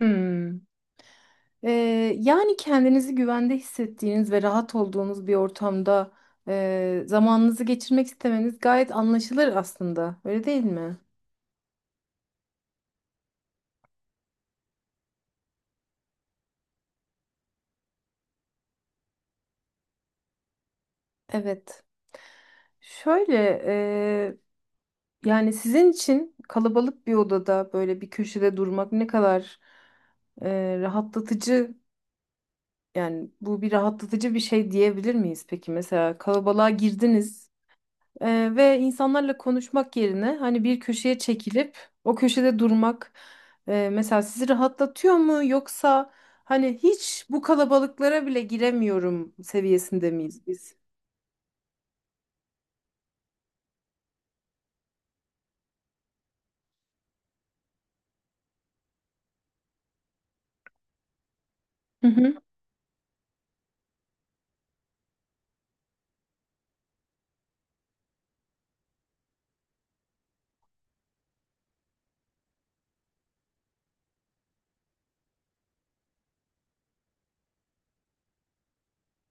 Hmm. Ee, Yani kendinizi güvende hissettiğiniz ve rahat olduğunuz bir ortamda zamanınızı geçirmek istemeniz gayet anlaşılır aslında. Öyle değil mi? Evet. Şöyle e, Yani sizin için kalabalık bir odada böyle bir köşede durmak ne kadar rahatlatıcı, yani bu bir rahatlatıcı bir şey diyebilir miyiz peki? Mesela kalabalığa girdiniz. Ve insanlarla konuşmak yerine hani bir köşeye çekilip o köşede durmak mesela sizi rahatlatıyor mu, yoksa hani hiç bu kalabalıklara bile giremiyorum seviyesinde miyiz biz? Hı hı.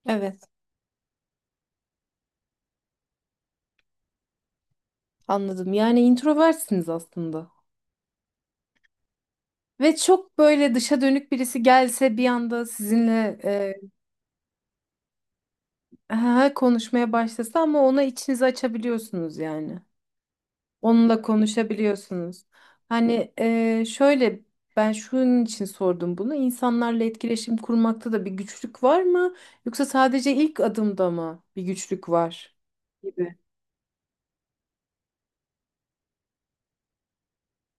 Evet, anladım. Yani introversiniz aslında. Ve çok böyle dışa dönük birisi gelse bir anda sizinle konuşmaya başlasa ama ona içinizi açabiliyorsunuz yani. Onunla konuşabiliyorsunuz. Şöyle, ben şunun için sordum bunu. İnsanlarla etkileşim kurmakta da bir güçlük var mı? Yoksa sadece ilk adımda mı bir güçlük var? Gibi.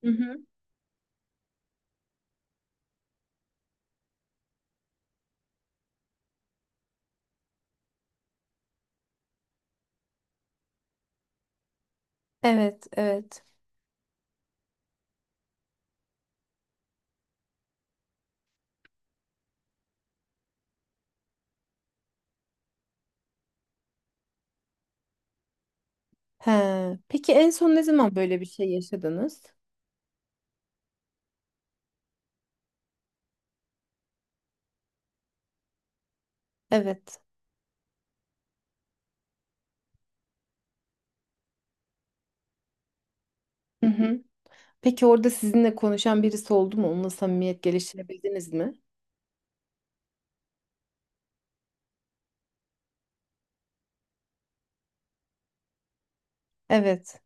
Hı hı. Evet, evet. He. Peki en son ne zaman böyle bir şey yaşadınız? Evet. Hı hı. Peki orada sizinle konuşan birisi oldu mu? Onunla samimiyet geliştirebildiniz mi? Evet.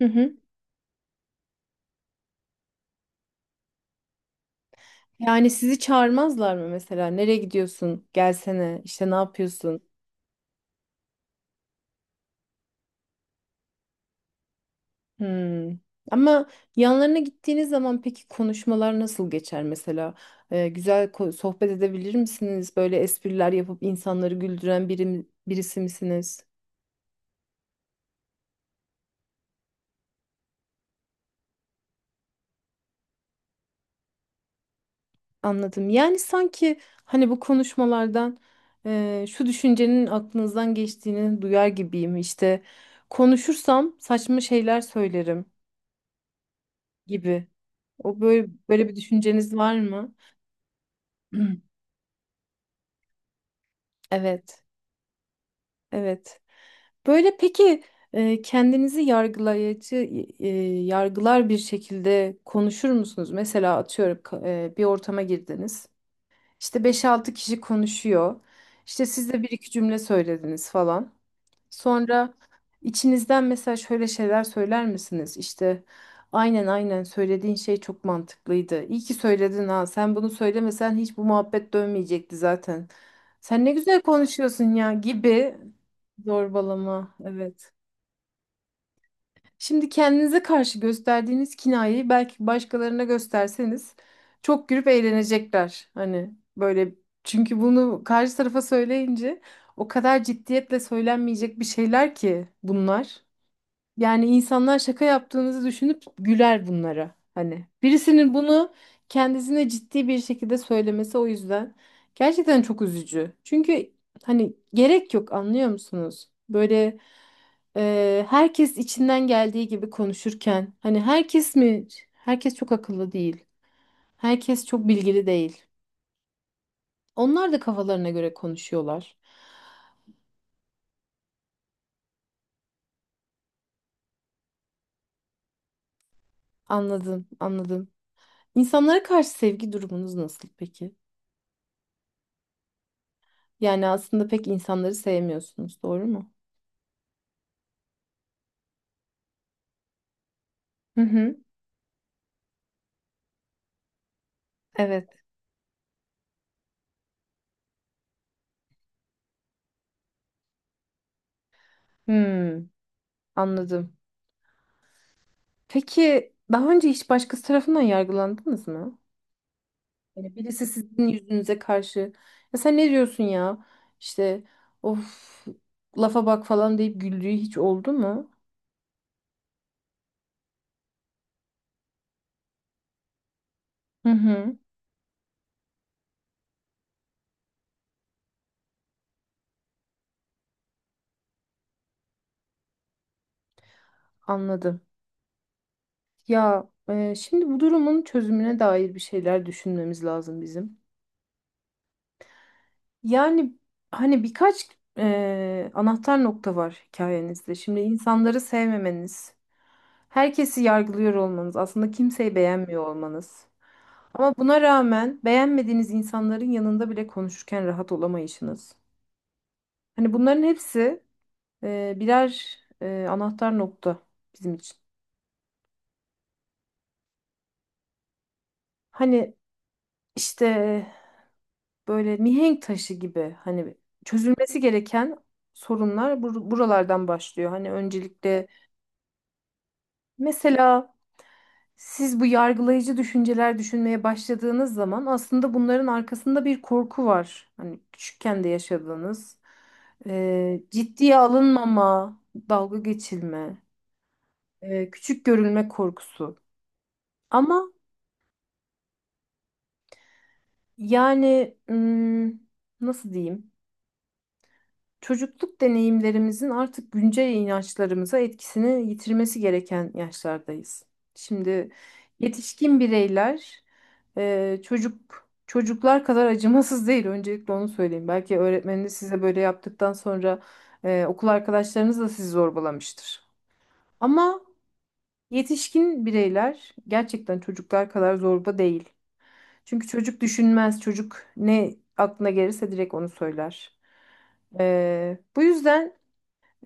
Hı hı. Yani sizi çağırmazlar mı mesela? Nereye gidiyorsun? Gelsene. İşte ne yapıyorsun? Hmm. Ama yanlarına gittiğiniz zaman peki konuşmalar nasıl geçer mesela? Güzel sohbet edebilir misiniz? Böyle espriler yapıp insanları güldüren birisi misiniz? Anladım. Yani sanki hani bu konuşmalardan şu düşüncenin aklınızdan geçtiğini duyar gibiyim. İşte konuşursam saçma şeyler söylerim gibi. O böyle böyle bir düşünceniz var mı? Evet, evet. Böyle peki kendinizi e, yargılar bir şekilde konuşur musunuz? Mesela atıyorum bir ortama girdiniz. İşte beş-altı kişi konuşuyor. İşte siz de bir iki cümle söylediniz falan. Sonra içinizden mesela şöyle şeyler söyler misiniz? İşte aynen, söylediğin şey çok mantıklıydı. İyi ki söyledin ha. Sen bunu söylemesen hiç bu muhabbet dönmeyecekti zaten. Sen ne güzel konuşuyorsun ya gibi zorbalama. Evet. Şimdi kendinize karşı gösterdiğiniz kinayeyi belki başkalarına gösterseniz çok gülüp eğlenecekler. Hani böyle, çünkü bunu karşı tarafa söyleyince o kadar ciddiyetle söylenmeyecek bir şeyler ki bunlar. Yani insanlar şaka yaptığınızı düşünüp güler bunlara. Hani birisinin bunu kendisine ciddi bir şekilde söylemesi o yüzden gerçekten çok üzücü. Çünkü hani gerek yok, anlıyor musunuz? Böyle herkes içinden geldiği gibi konuşurken, hani herkes mi? Herkes çok akıllı değil. Herkes çok bilgili değil. Onlar da kafalarına göre konuşuyorlar. Anladım, anladım. İnsanlara karşı sevgi durumunuz nasıl peki? Yani aslında pek insanları sevmiyorsunuz, doğru mu? Hı hı. Evet. Hmm, anladım. Peki daha önce hiç başkası tarafından yargılandınız mı? Yani birisi sizin yüzünüze karşı ya sen ne diyorsun ya? İşte of, lafa bak falan deyip güldüğü hiç oldu mu? Hı hı. Anladım. Ya şimdi bu durumun çözümüne dair bir şeyler düşünmemiz lazım bizim. Yani hani birkaç anahtar nokta var hikayenizde. Şimdi insanları sevmemeniz, herkesi yargılıyor olmanız, aslında kimseyi beğenmiyor olmanız. Ama buna rağmen beğenmediğiniz insanların yanında bile konuşurken rahat olamayışınız. Hani bunların hepsi birer anahtar nokta bizim için. Hani işte böyle mihenk taşı gibi, hani çözülmesi gereken sorunlar buralardan başlıyor. Hani öncelikle mesela siz bu yargılayıcı düşünceler düşünmeye başladığınız zaman aslında bunların arkasında bir korku var. Hani küçükken de yaşadığınız ciddiye alınmama, dalga geçilme, küçük görülme korkusu. Ama yani hmm, nasıl diyeyim? Çocukluk deneyimlerimizin artık güncel inançlarımıza etkisini yitirmesi gereken yaşlardayız. Şimdi yetişkin bireyler çocuklar kadar acımasız değil. Öncelikle onu söyleyeyim. Belki öğretmeniniz size böyle yaptıktan sonra okul arkadaşlarınız da sizi zorbalamıştır. Ama yetişkin bireyler gerçekten çocuklar kadar zorba değil. Çünkü çocuk düşünmez. Çocuk ne aklına gelirse direkt onu söyler. E, bu yüzden.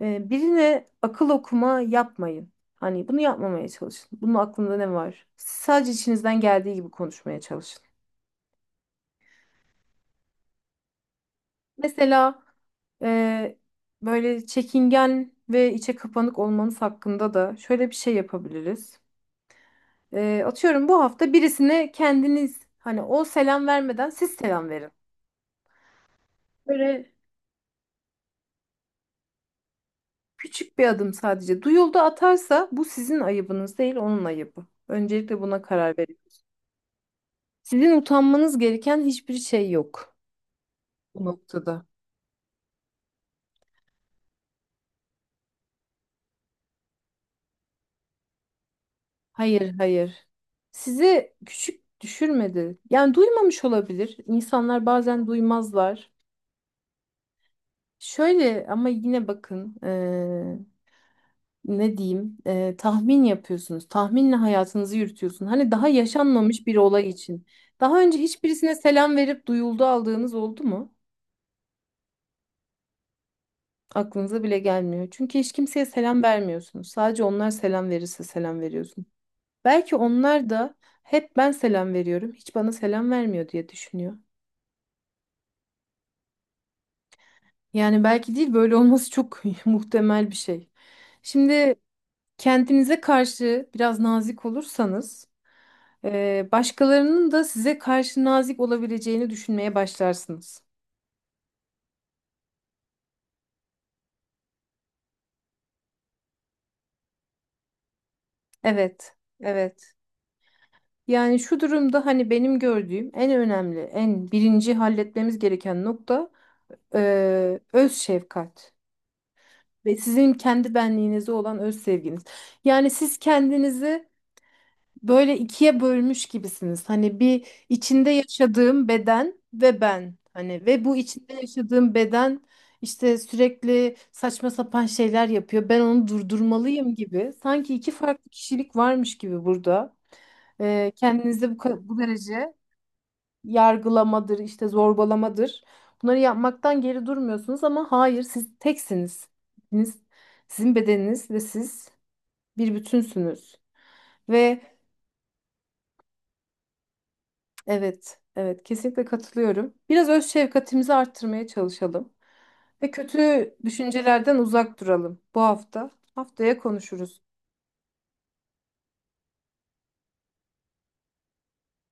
E, birine akıl okuma yapmayın. Hani bunu yapmamaya çalışın. Bunun aklında ne var? Siz sadece içinizden geldiği gibi konuşmaya çalışın. Mesela e, böyle çekingen ve içe kapanık olmanız hakkında da şöyle bir şey yapabiliriz. Atıyorum bu hafta birisine kendiniz, hani o selam vermeden siz selam verin. Böyle küçük bir adım sadece. Duyuldu atarsa bu sizin ayıbınız değil, onun ayıbı. Öncelikle buna karar verin. Sizin utanmanız gereken hiçbir şey yok bu noktada. Hayır, hayır. Sizi küçük düşürmedi. Yani duymamış olabilir. İnsanlar bazen duymazlar. Şöyle ama yine bakın ne diyeyim tahmin yapıyorsunuz. Tahminle hayatınızı yürütüyorsun. Hani daha yaşanmamış bir olay için. Daha önce hiçbirisine selam verip duyuldu aldığınız oldu mu? Aklınıza bile gelmiyor. Çünkü hiç kimseye selam vermiyorsunuz. Sadece onlar selam verirse selam veriyorsunuz. Belki onlar da hep ben selam veriyorum, hiç bana selam vermiyor diye düşünüyor. Yani belki değil, böyle olması çok muhtemel bir şey. Şimdi kendinize karşı biraz nazik olursanız, başkalarının da size karşı nazik olabileceğini düşünmeye başlarsınız. Evet, evet. Yani şu durumda hani benim gördüğüm en önemli, en birinci halletmemiz gereken nokta öz şefkat. Ve sizin kendi benliğinize olan öz sevginiz. Yani siz kendinizi böyle ikiye bölmüş gibisiniz. Hani bir, içinde yaşadığım beden ve ben. Hani ve bu içinde yaşadığım beden işte sürekli saçma sapan şeyler yapıyor. Ben onu durdurmalıyım gibi. Sanki iki farklı kişilik varmış gibi burada. Kendinize bu derece yargılamadır, işte zorbalamadır. Bunları yapmaktan geri durmuyorsunuz, ama hayır siz teksiniz. Siz, sizin bedeniniz ve siz bir bütünsünüz. Ve evet, evet kesinlikle katılıyorum. Biraz öz şefkatimizi arttırmaya çalışalım. Ve kötü düşüncelerden uzak duralım bu hafta. Haftaya konuşuruz.